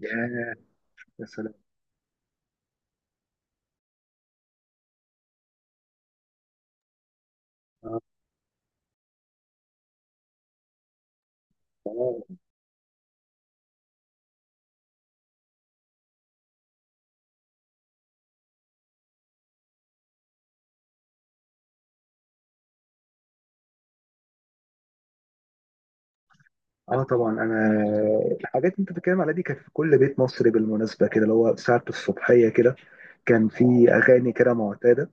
ياه، يا سلام. اه اه طبعا انا الحاجات اللي انت بتتكلم عليها دي كانت في كل بيت مصري، بالمناسبه كده، اللي هو ساعه الصبحيه كده. كان في اغاني كده معتاده.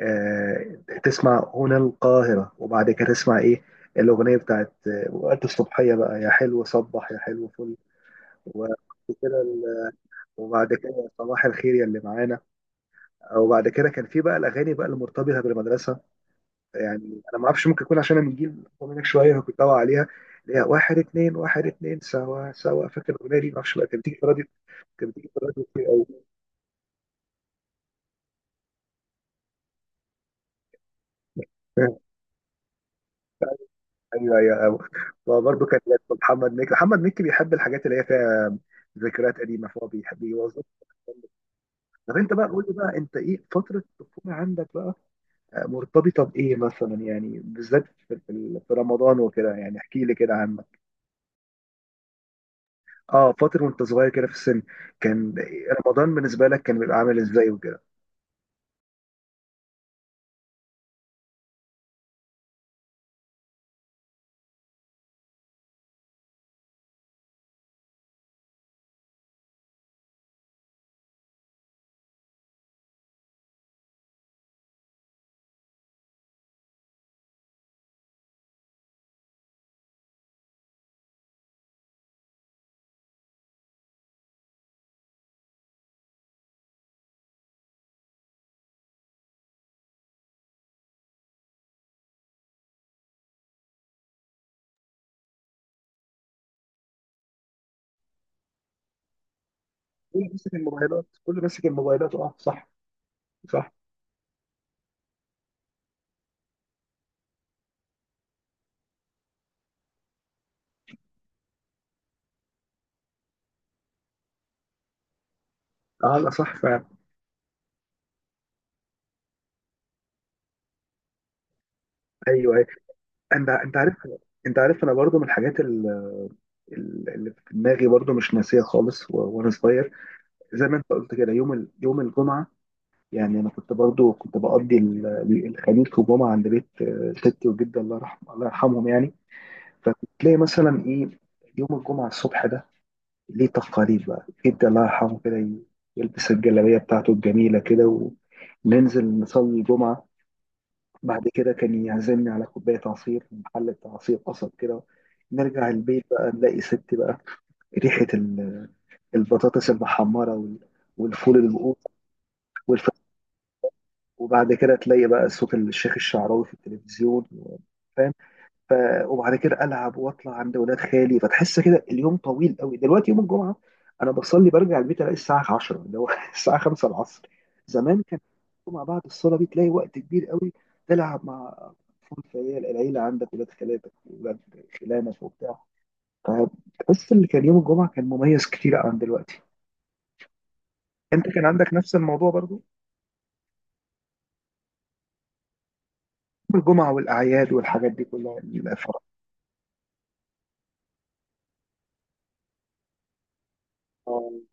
تسمع هنا القاهره، وبعد كده تسمع، ايه، الاغنيه بتاعت، وقت الصبحيه بقى، يا حلو صبح يا حلو فل. وبعد كده ال- وبعد كده صباح الخير يا اللي معانا. وبعد كده كان في بقى الاغاني بقى المرتبطه بالمدرسه. يعني انا ما اعرفش، ممكن يكون عشان انا من جيل اكبر منك شويه كنت داوي عليها، اللي هي واحد اتنين واحد اتنين سوا سوا، فاكر الاغنيه دي؟ ما اعرفش بقى، كانت بتيجي في الراديو، كانت بتيجي في الراديو كتير قوي. ايوه، ايوه، أيوة. برضه كان محمد مكي بيحب الحاجات اللي هي فيها ذكريات قديمه، فهو بيحب يوظف. طب انت بقى قول لي بقى، انت ايه فتره الطفوله عندك بقى مرتبطه بايه مثلا؟ يعني بالذات في رمضان وكده، يعني احكي لي كده عنك. اه، فتره وانت صغير كده في السن، كان رمضان بالنسبه لك كان بيبقى عامل ازاي وكده؟ كله ماسك الموبايلات، كله ماسك الموبايلات، اه صح. صح. اه، لا، صح فعلا. ايوه، ايوه. انت انت عارف انت عارف انا برضو من الحاجات اللي في دماغي برضو مش ناسيه خالص. و وانا صغير، زي ما انت قلت كده، يوم يوم الجمعه يعني، انا كنت برضو كنت بقضي الخميس والجمعه عند بيت، تيتي وجدي الله يرحمه، الله يرحمهم يعني. فتلاقي مثلا ايه، يوم الجمعه الصبح ده ليه تقاليد بقى، جدي الله يرحمه كده يلبس الجلابية بتاعته الجميلة كده، وننزل نصلي الجمعة. بعد كده كان يعزمني على كوباية عصير من محل بتاع عصير قصب كده. نرجع البيت بقى نلاقي ستي بقى ريحة البطاطس المحمرة والفول المقوط والف... وبعد كده تلاقي بقى صوت الشيخ الشعراوي في التلفزيون. ف... وبعد كده العب واطلع عند ولاد خالي، فتحس كده اليوم طويل قوي. دلوقتي يوم الجمعه انا بصلي برجع البيت الاقي الساعه 10، اللي هو الساعه 5 العصر. زمان كان الجمعه بعد الصلاه دي تلاقي وقت كبير قوي، تلعب مع اطفال في العيله عندك، ولاد خالاتك، ولاد خلانك وبتاع. فتحس ان كان يوم الجمعه كان مميز كتير عن دلوقتي. انت كان عندك نفس الموضوع برضو؟ يوم الجمعه والاعياد والحاجات دي كلها الفرح.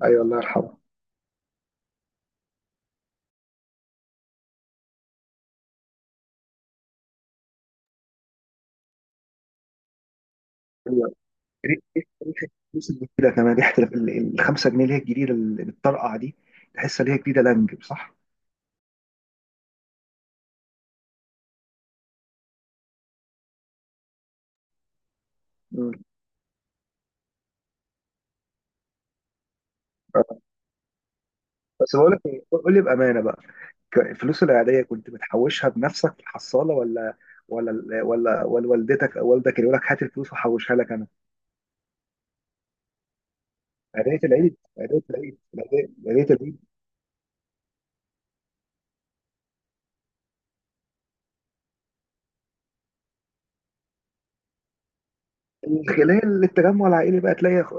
ايوه، الله يرحمه. ريحه، ريحة الفلوس الجديده كمان، ريحه الخمسة جنيه اللي هي الجديده اللي بتطرقع دي، تحس ان هي جديده لانج، صح؟ مم. آه. بس بقول لك إيه، قول لي بامانه بقى، الفلوس العاديه كنت بتحوشها بنفسك في الحصاله، ولا ولا ال- ولا ولا والدتك او والدك اللي يقول لك هات الفلوس وحوشها لك انا؟ عيدية العيد عيدية العيد عيدية عيدية العيد. من خلال التجمع العائلي بقى تلاقي،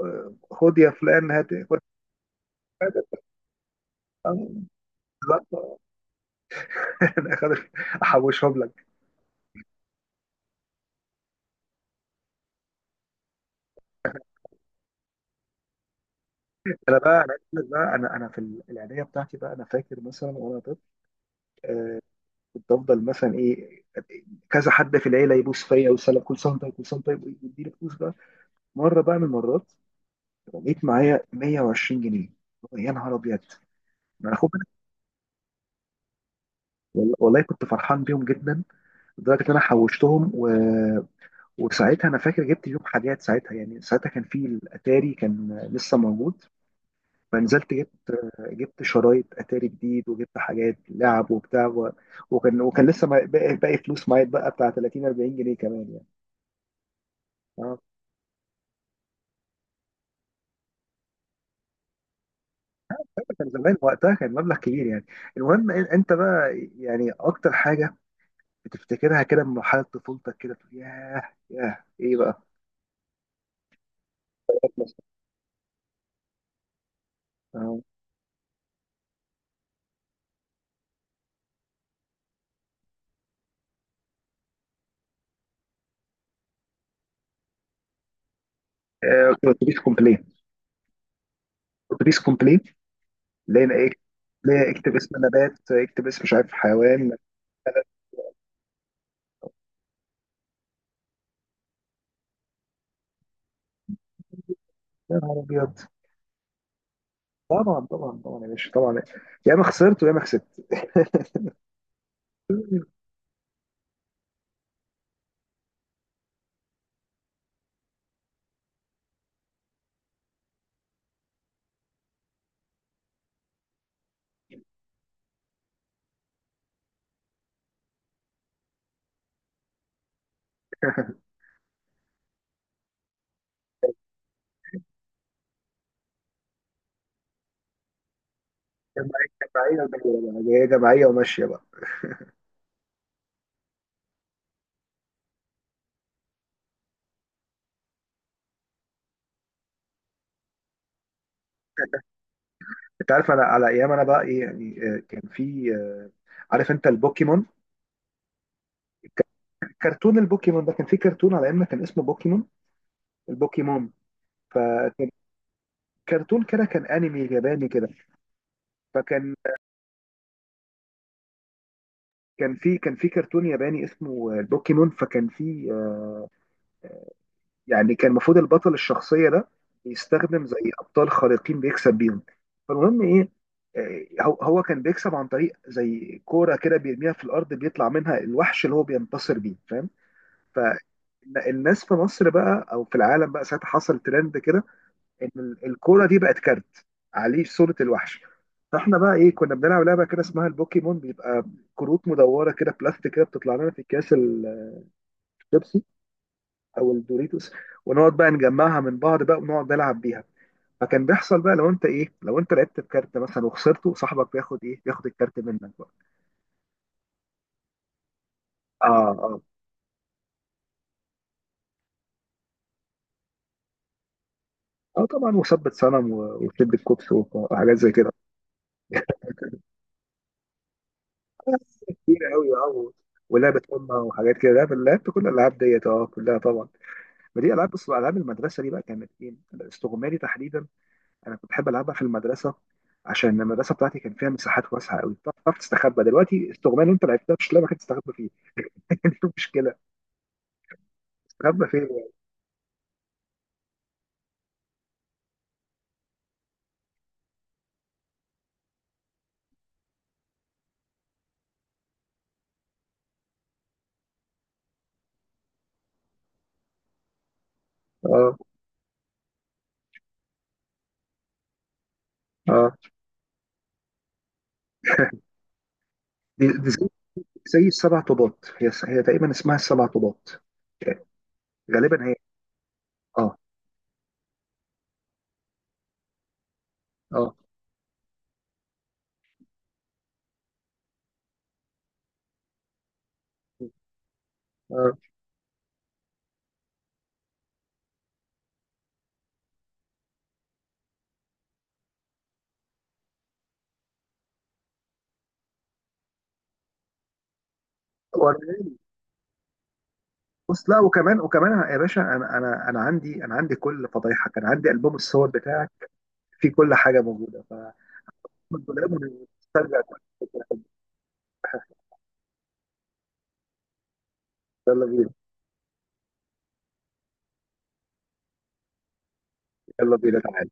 خد يا فلان، هات، خد. هات. آه، بالظبط. انا أخد- احوشهم. انا بقى، انا عايز أقول لك بقى، انا في العيديه بتاعتي بقى، انا فاكر مثلا وانا طفل كنت افضل مثلا ايه، كذا حد في العيله يبوس فيا ويسلم، كل سنه وأنت طيب، كل سنه وأنت طيب، ويديني فلوس بقى. مره بقى من المرات لقيت معايا 120 جنيه. يا نهار ابيض، ما انا خد بالك. والله كنت فرحان بيهم جدا، لدرجه ان انا حوشتهم و... وساعتها انا فاكر جبت بيهم حاجات، ساعتها يعني، ساعتها كان في الاتاري، كان لسه موجود، فنزلت جبت، جبت شرايط اتاري جديد، وجبت حاجات لعب وبتاع. وكان لسه باقي، باقي فلوس معايا بقى بتاع 30، 40 جنيه كمان يعني. اه، كان زمان وقتها كان مبلغ كبير يعني. المهم انت بقى، يعني اكتر حاجه بتفتكرها كده من مرحله طفولتك كده، تقول ياه، ياه ايه بقى؟ اه، اتوبيس كومبلين. اتوبيس كومبلين، لقينا ايه، ليه، اكتب اسم نبات، اكتب اسم، مش عارف، حيوان. يا نهار ابيض. طبعا، طبعا، طبعا يا باشا، طبعا. يا اما خسرت ويا اما كسبت. جماعية. جماعية ودايرة بقى هي، جماعية وماشية بقى. انت عارف انا على ايام انا بقى ايه يعني، كان في، عارف انت البوكيمون؟ كرتون البوكيمون ده، كان في كرتون على ايامنا كان اسمه بوكيمون، البوكيمون. فكان كرتون كده، كان انمي ياباني كده. فكان، كان في كرتون ياباني اسمه البوكيمون. فكان في، يعني كان المفروض البطل الشخصية ده بيستخدم زي أبطال خارقين بيكسب بيهم. فالمهم إيه، هو هو كان بيكسب عن طريق زي كورة كده، بيرميها في الأرض بيطلع منها الوحش اللي هو بينتصر بيه، فاهم؟ فالناس في مصر بقى، أو في العالم بقى، ساعتها حصل ترند كده، إن الكورة دي بقت كارت عليه صورة الوحش. فاحنا بقى ايه، كنا بنلعب لعبه كده اسمها البوكيمون، بيبقى كروت مدوره كده، بلاستيك كده، بتطلع لنا في اكياس الشيبسي او الدوريتوس، ونقعد بقى نجمعها من بعض بقى، ونقعد نلعب بيها. فكان بيحصل بقى لو انت ايه، لو انت لعبت بكارت مثلا وخسرته، صاحبك بياخد ايه، بياخد الكارت منك بقى. اه، اه. اه، طبعا، وثبت صنم، وشد الكوبس، وحاجات زي كده. آه، كتير قوي اه. ولعبة أمة وحاجات كده، لعبت كل الألعاب ديت، اه، كلها طبعا. ما دي ألعاب، بص، ألعاب المدرسة دي بقى كانت إيه، الاستغمالي تحديدا، أنا كنت بحب ألعبها في المدرسة، عشان المدرسه بتاعتي كان فيها مساحات واسعه قوي بتعرف تستخبى. دلوقتي استغمال انت لعبتها؟ مش لعبه كانت تستخبى فيها انت، شوف مشكله، استخبى فين يعني. اه، اه، دي زي، زي السبع طوبات. هي هي تقريبا اسمها السبع طوبات. غالبا هي. اه، اه، اه، وأنا- بص، لا، وكمان، وكمان يا باشا، انا، انا عندي كل فضايحك، انا عندي البوم الصور بتاعك فيه كل حاجه موجوده، ف الدولاب، ونسترجع كل حاجة. يلا بينا، يلا بينا، تعالى.